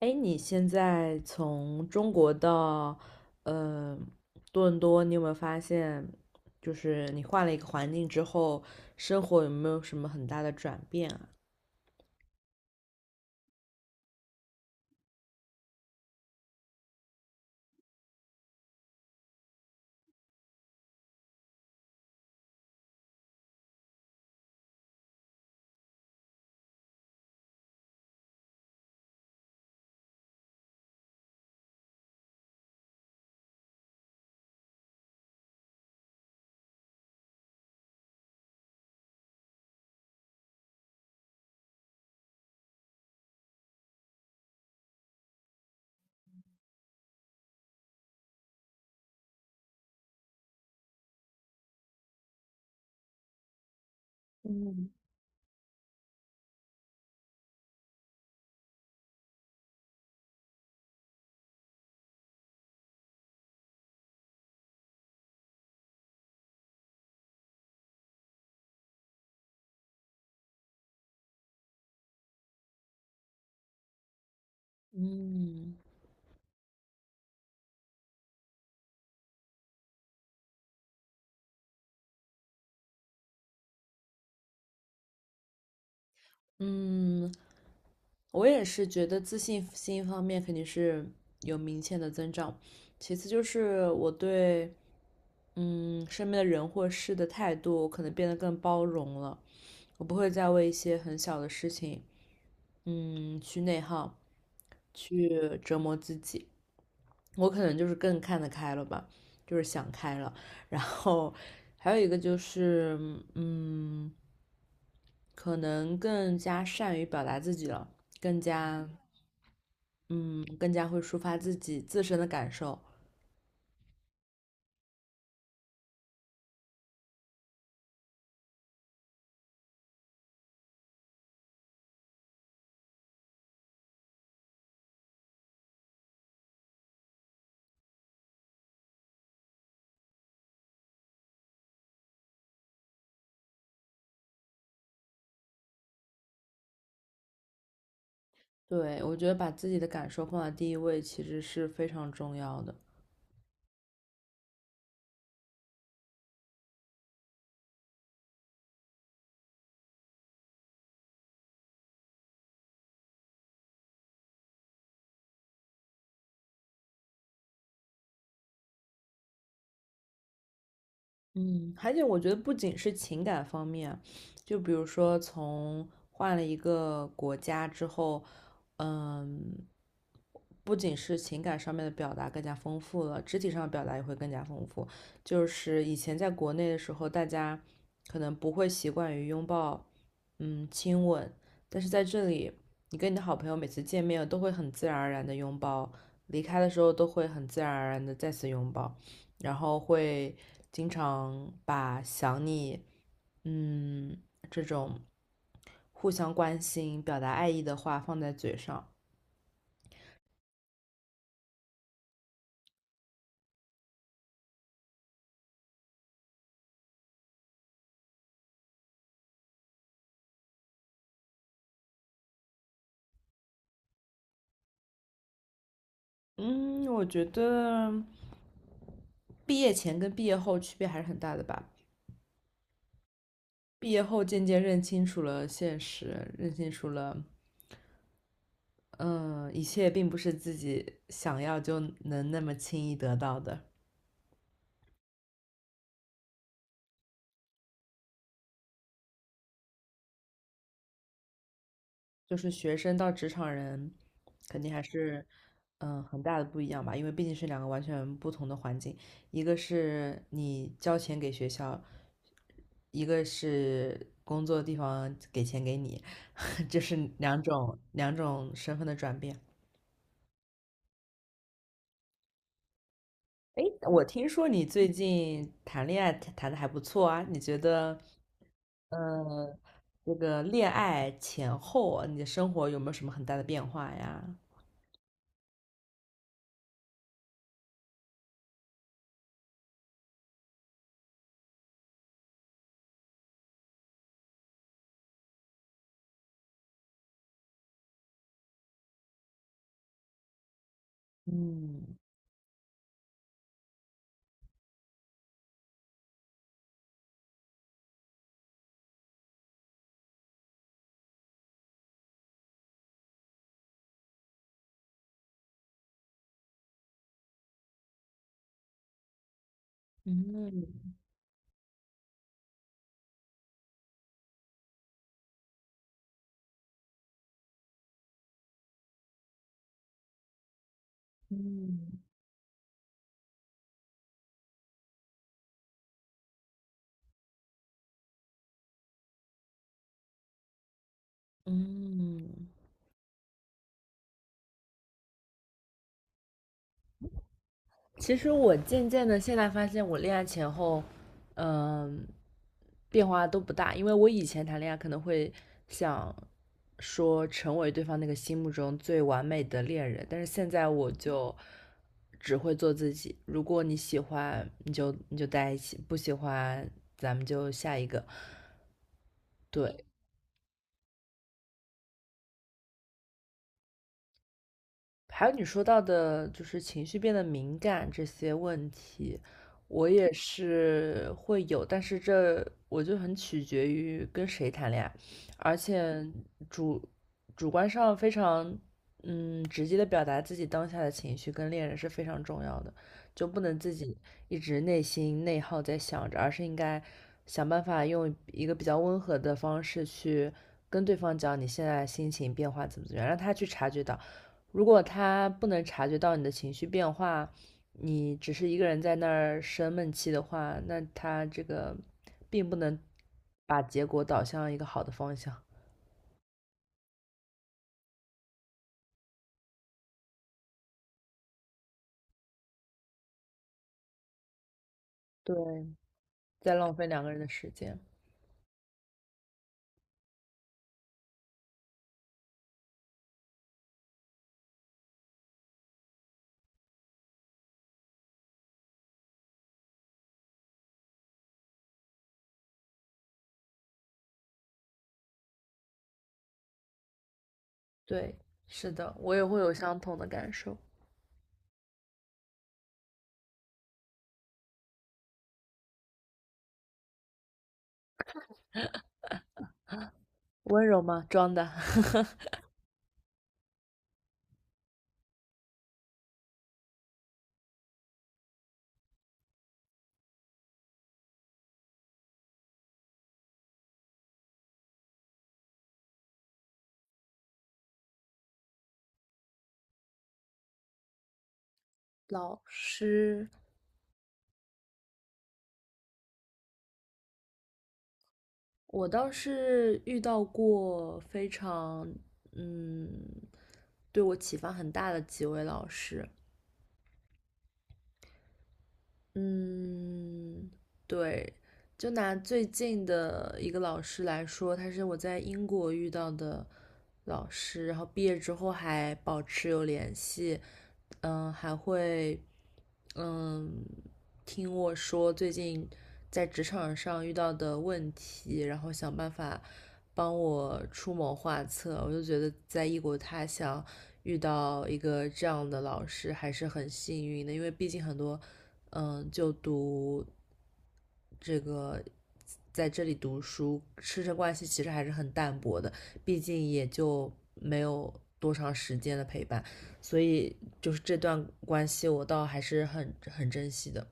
哎，你现在从中国到呃多伦多，你有没有发现，就是你换了一个环境之后，生活有没有什么很大的转变啊？嗯嗯嗯，我也是觉得自信心方面肯定是有明显的增长，其次就是我对身边的人或事的态度可能变得更包容了，我不会再为一些很小的事情去内耗，去折磨自己。我可能就是更看得开了吧，就是想开了。然后还有一个就是，嗯，可能更加善于表达自己了，更加，嗯，更加会抒发自己自身的感受。对，我觉得把自己的感受放在第一位，其实是非常重要的。嗯，而且我觉得不仅是情感方面，就比如说从换了一个国家之后，嗯，不仅是情感上面的表达更加丰富了，肢体上的表达也会更加丰富。就是以前在国内的时候，大家可能不会习惯于拥抱，嗯，亲吻，但是在这里，你跟你的好朋友每次见面都会很自然而然的拥抱，离开的时候都会很自然而然的再次拥抱，然后会经常把想你，嗯，这种互相关心、表达爱意的话放在嘴上。嗯，我觉得毕业前跟毕业后区别还是很大的吧。毕业后渐渐认清楚了现实，认清楚了，嗯，一切并不是自己想要就能那么轻易得到的。就是学生到职场人，肯定还是很大的不一样吧，因为毕竟是两个完全不同的环境，一个是你交钱给学校，一个是工作地方给钱给你，就是两种身份的转变。诶，我听说你最近谈恋爱谈的还不错啊，你觉得，嗯，这个恋爱前后啊，你的生活有没有什么很大的变化呀？嗯嗯嗯嗯，其实我渐渐的现在发现，我恋爱前后，嗯、变化都不大。因为我以前谈恋爱可能会想说成为对方那个心目中最完美的恋人，但是现在我就只会做自己。如果你喜欢，你就在一起；不喜欢，咱们就下一个。对，还有你说到的，就是情绪变得敏感这些问题，我也是会有，但是这我就很取决于跟谁谈恋爱，而且主主观上非常直接的表达自己当下的情绪跟恋人是非常重要的，就不能自己一直内心内耗在想着，而是应该想办法用一个比较温和的方式去跟对方讲你现在心情变化怎么怎么样，让他去察觉到。如果他不能察觉到你的情绪变化，你只是一个人在那儿生闷气的话，那他这个并不能把结果导向一个好的方向。对，在浪费两个人的时间。对，是的，我也会有相同的感受。温柔吗？装的。老师，我倒是遇到过非常，嗯，对我启发很大的几位老师。嗯，对，就拿最近的一个老师来说，他是我在英国遇到的老师，然后毕业之后还保持有联系，嗯，还会嗯听我说最近在职场上遇到的问题，然后想办法帮我出谋划策。我就觉得在异国他乡遇到一个这样的老师还是很幸运的，因为毕竟很多就读。这个在这里读书，师生关系其实还是很淡薄的，毕竟也就没有多长时间的陪伴，所以就是这段关系我倒还是很珍惜的。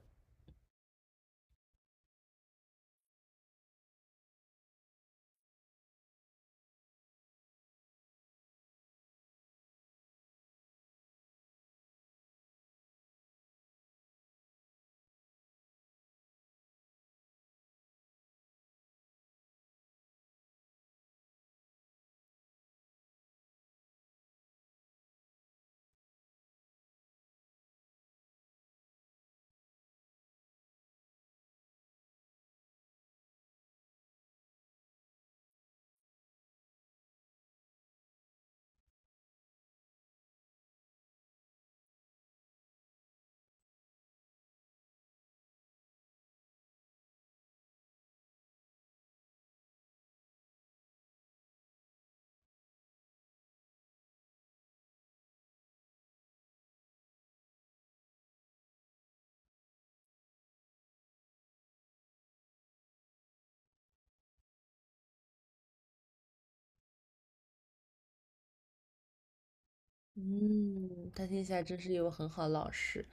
嗯，他听起来真是一位很好的老师。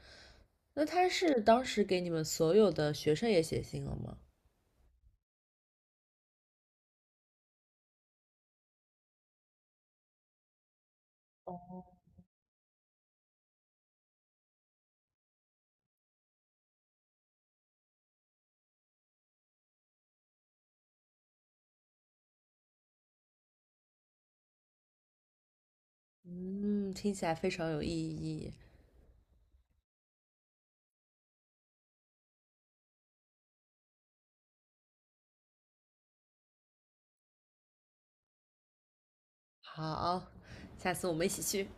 那他是当时给你们所有的学生也写信了吗？嗯，听起来非常有意义。好，下次我们一起去。